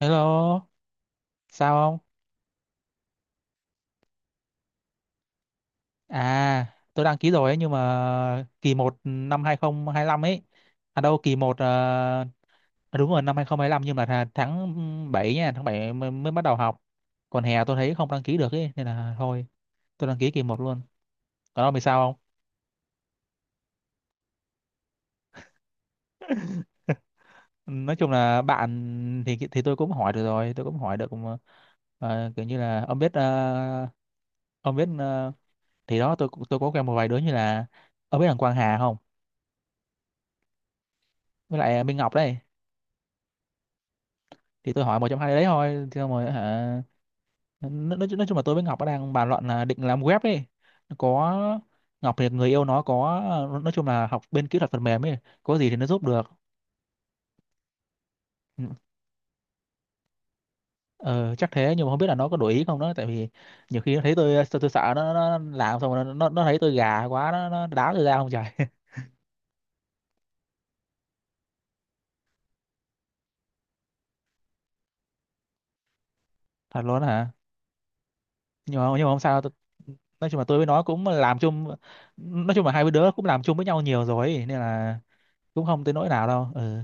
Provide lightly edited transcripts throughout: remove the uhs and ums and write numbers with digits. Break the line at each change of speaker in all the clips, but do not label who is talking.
Hello, sao không? À, tôi đăng ký rồi ấy, nhưng mà kỳ một năm 2025 ấy. À đâu, kỳ một đúng rồi năm 2025 nhưng mà là tháng 7 nha, tháng 7 mới bắt đầu học. Còn hè tôi thấy không đăng ký được ấy nên là thôi, tôi đăng ký kỳ một luôn. Còn ông thì sao không? Nói chung là bạn thì tôi cũng hỏi được rồi, tôi cũng hỏi được mà. Ờ, kiểu như là ông biết ờ, thì đó tôi có quen một vài đứa như là ông biết thằng Quang Hà không? Với lại Minh Ngọc đấy, thì tôi hỏi một trong hai đấy thôi thì xong rồi hả. nói, nói chung là tôi với Ngọc nó đang bàn luận là định làm web ấy. Nó có, Ngọc thì người yêu nó có, nói chung là học bên kỹ thuật phần mềm ấy, có gì thì nó giúp được. Ừ, ờ, chắc thế nhưng mà không biết là nó có đổi ý không đó, tại vì nhiều khi nó thấy tôi sợ nó làm xong rồi nó thấy tôi gà quá nó đá tôi ra không trời thật luôn đó hả. Nhưng mà không sao tôi, nói chung là tôi với nó cũng làm chung, nói chung là hai đứa cũng làm chung với nhau nhiều rồi ấy, nên là cũng không tới nỗi nào đâu ừ.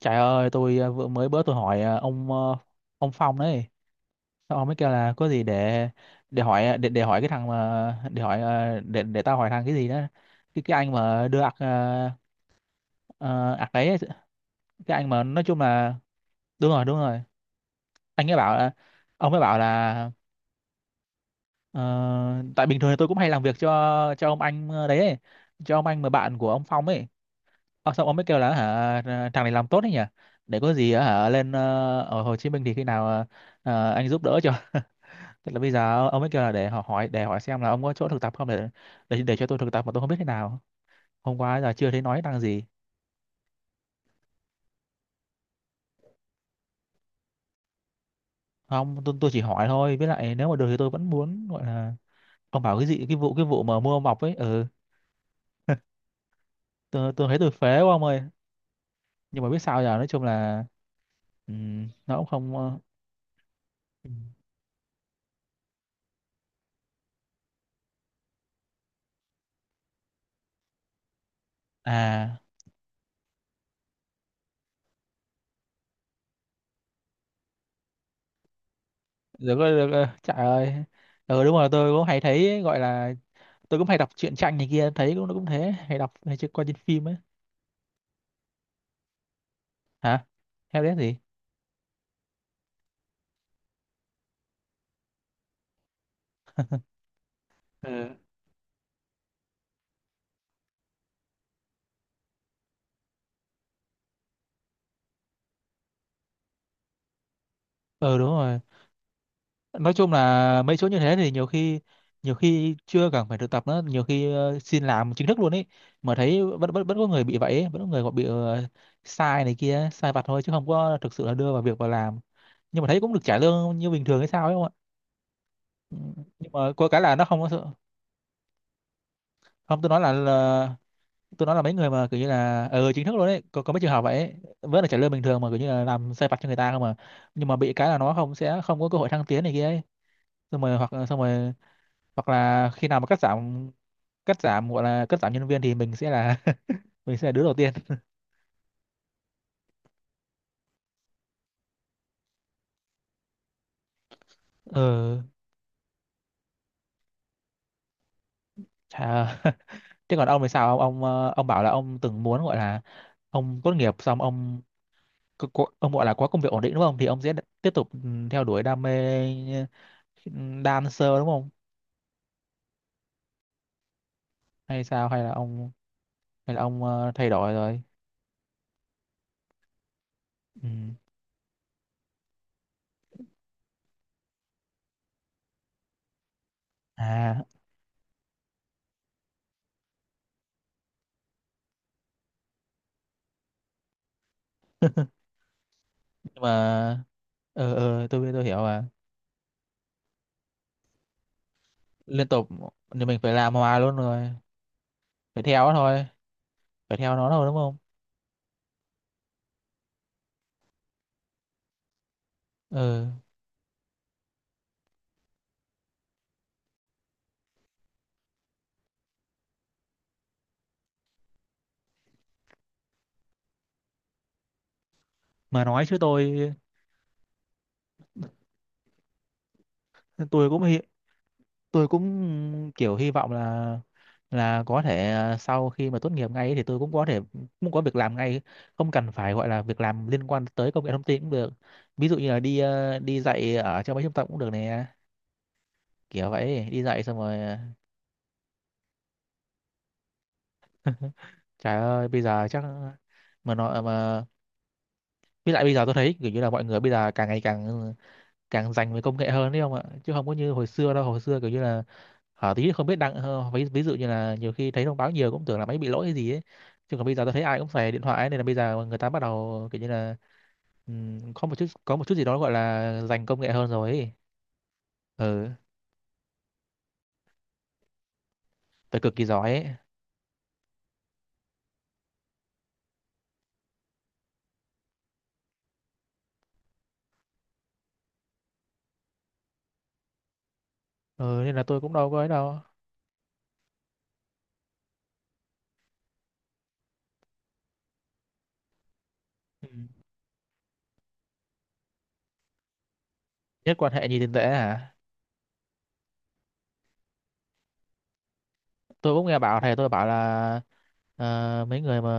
Trời ơi, tôi vừa mới bữa tôi hỏi ông Phong đấy. Xong ông mới kêu là có gì để để hỏi cái thằng mà để hỏi để tao hỏi thằng cái gì đó. Cái anh mà đưa ạc đấy, ấy, cái anh mà nói chung là đúng rồi, đúng rồi. Anh ấy bảo là Ông ấy bảo là ờ, tại bình thường thì tôi cũng hay làm việc cho ông anh ờ, đấy ấy, cho ông anh mà bạn của ông Phong ấy. Ờ, xong ông mới kêu là hả, ờ, thằng này làm tốt đấy nhỉ. Để có gì hả lên ở Hồ Chí Minh thì khi nào ờ, anh giúp đỡ cho. Tức là bây giờ ông ấy kêu là để họ hỏi, để hỏi xem là ông có chỗ thực tập không để để cho tôi thực tập mà tôi không biết thế nào. Hôm qua giờ chưa thấy nói năng gì. Không, tôi chỉ hỏi thôi. Với lại nếu mà được thì tôi vẫn muốn gọi là ông bảo cái gì cái vụ mà mua mọc ấy, ừ, tôi thấy tôi phế quá ông ơi. Nhưng mà biết sao giờ, nói chung là nó cũng không ừm. À được rồi, được rồi. Trời ơi. Ừ đúng rồi, tôi cũng hay thấy ấy, gọi là tôi cũng hay đọc truyện tranh này kia, thấy cũng nó cũng thế, hay đọc hay coi trên phim ấy. Hả? Theo đấy gì? Ừ. Ừ đúng rồi. Nói chung là mấy chỗ như thế thì nhiều khi, nhiều khi chưa cần phải thực tập nữa, nhiều khi xin làm chính thức luôn ấy, mà thấy vẫn vẫn vẫn có người bị vậy ấy. Vẫn có người gọi bị sai này kia, sai vặt thôi chứ không có thực sự là đưa vào việc vào làm, nhưng mà thấy cũng được trả lương như bình thường hay sao ấy không ạ. Ừ, nhưng mà có cái là nó không có sự, không tôi nói là tôi nói là mấy người mà kiểu như là ừ, chính thức luôn ấy, có mấy trường hợp vậy ấy. Vẫn là trả lương bình thường mà kiểu như là làm sai vặt cho người ta không mà, nhưng mà bị cái là nó không, sẽ không có cơ hội thăng tiến này kia ấy, xong rồi hoặc là khi nào mà cắt giảm, gọi là cắt giảm nhân viên thì mình sẽ là mình sẽ là đứa đầu tiên. Ờ chà thế còn ông thì sao, ông bảo là ông từng muốn gọi là ông tốt nghiệp xong ông ông gọi là có công việc ổn định đúng không, thì ông sẽ tiếp tục ừ, theo đuổi đam mê ừ, dancer đúng không, hay sao, hay là ông thay đổi rồi. Ừ. À nhưng mà ờ tôi biết tôi hiểu mà. Liên tục thì mình phải làm hoài luôn rồi, phải theo nó thôi, phải theo nó thôi đúng không. Ờ, mà nói chứ tôi, tôi cũng hi- tôi cũng kiểu hy vọng là có thể à, sau khi mà tốt nghiệp ngay ấy thì tôi cũng có thể cũng có việc làm ngay, không cần phải gọi là việc làm liên quan tới công nghệ thông tin cũng được. Ví dụ như là đi đi dạy ở trong mấy trung tâm cũng được nè, kiểu vậy đi dạy xong rồi à, trời ơi bây giờ chắc mà nó mà, với lại bây giờ tôi thấy kiểu như là mọi người bây giờ càng ngày càng càng dành về công nghệ hơn đấy không ạ, chứ không có như hồi xưa đâu. Hồi xưa kiểu như là ờ, tí không biết ví dụ như là nhiều khi thấy thông báo nhiều cũng tưởng là máy bị lỗi hay gì ấy, chứ còn bây giờ tôi thấy ai cũng xài điện thoại ấy, nên là bây giờ người ta bắt đầu kiểu như là có một chút gì đó gọi là dành công nghệ hơn rồi ấy. Ừ, phải cực kỳ giỏi ấy. Ừ, nên là tôi cũng đâu có ấy đâu. Ừ. Nhất quan hệ nhìn tiền tệ hả. Tôi cũng nghe bảo thầy tôi bảo là ờ, mấy người mà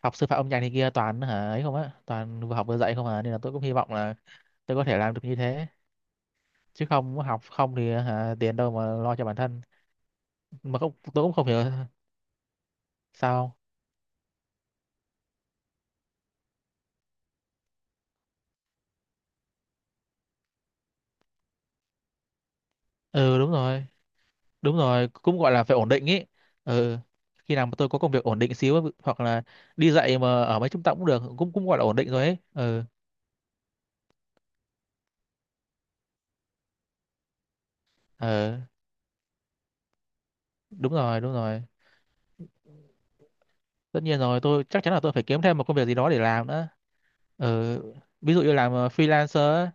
học sư phạm âm nhạc này kia toàn hả ấy không á, toàn vừa học vừa dạy không à, nên là tôi cũng hy vọng là tôi có thể làm được như thế, chứ không học không thì hả tiền đâu mà lo cho bản thân. Mà không tôi cũng không hiểu sao. Ừ đúng rồi, đúng rồi cũng gọi là phải ổn định ý. Ừ, khi nào mà tôi có công việc ổn định xíu, hoặc là đi dạy mà ở mấy trung tâm cũng được, cũng cũng gọi là ổn định rồi ấy ừ. Ừ đúng rồi, đúng rồi, tất nhiên rồi tôi chắc chắn là tôi phải kiếm thêm một công việc gì đó để làm nữa. Ừ, ví dụ như làm freelancer á,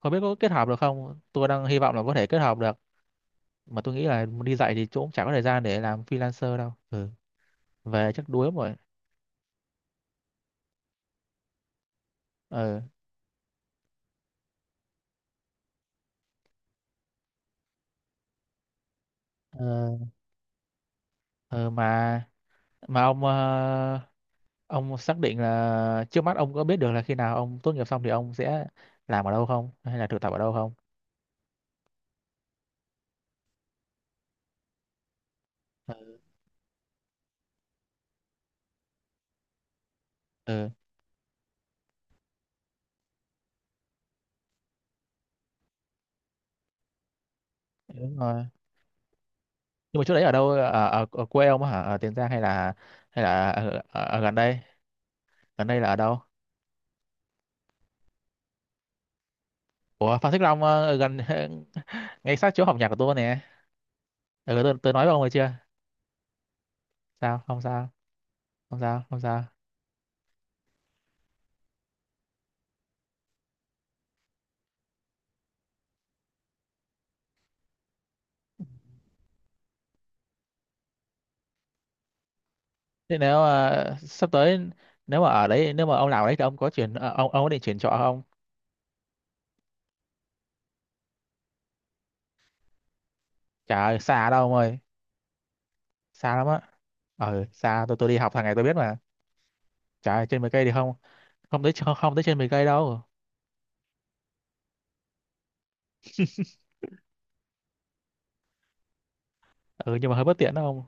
không biết có kết hợp được không, tôi đang hy vọng là có thể kết hợp được. Mà tôi nghĩ là đi dạy thì chỗ cũng chả có thời gian để làm freelancer đâu ừ. Về chắc đuối lắm rồi. Ừ ờ, ờ, mà mà ông ông xác định là trước mắt ông có biết được là khi nào ông tốt nghiệp xong thì ông sẽ làm ở đâu không, hay là thực tập ở đâu không. Ừ đúng rồi, nhưng mà chỗ đấy ở đâu, ở quê ông á hả, ở Tiền Giang hay là, ở gần đây. Gần đây là ở đâu. Ủa Phan Xích Long ở gần ngay sát chỗ học nhạc của tôi nè. Ừ, tôi nói với ông rồi chưa. Sao không sao, không sao không sao. Thế nếu sắp tới, nếu mà ở đấy, nếu mà ông làm ở đấy thì ông có chuyển ông có định chuyển trọ không. Chả xa đâu ông ơi, xa lắm á. Ờ xa, tôi đi học hàng ngày tôi biết mà. Trời ơi, trên 10 cây thì không, không tới, không, không tới trên 10 cây đâu. Ừ nhưng mà hơi bất tiện đó không.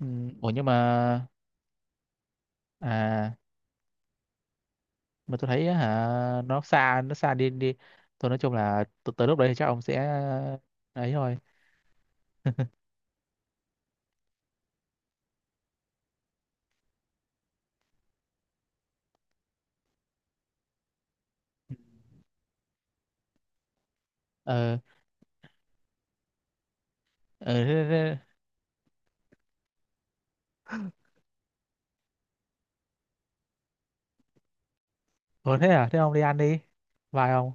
Ừ, ủa nhưng mà à, mà tôi thấy á hả nó xa, nó xa đi đi. Tôi nói chung là tới lúc đấy thì chắc ông sẽ ấy thôi. Ờ ờ thế, thế, ủa, thế à, thế ông đi ăn đi. Bye ông.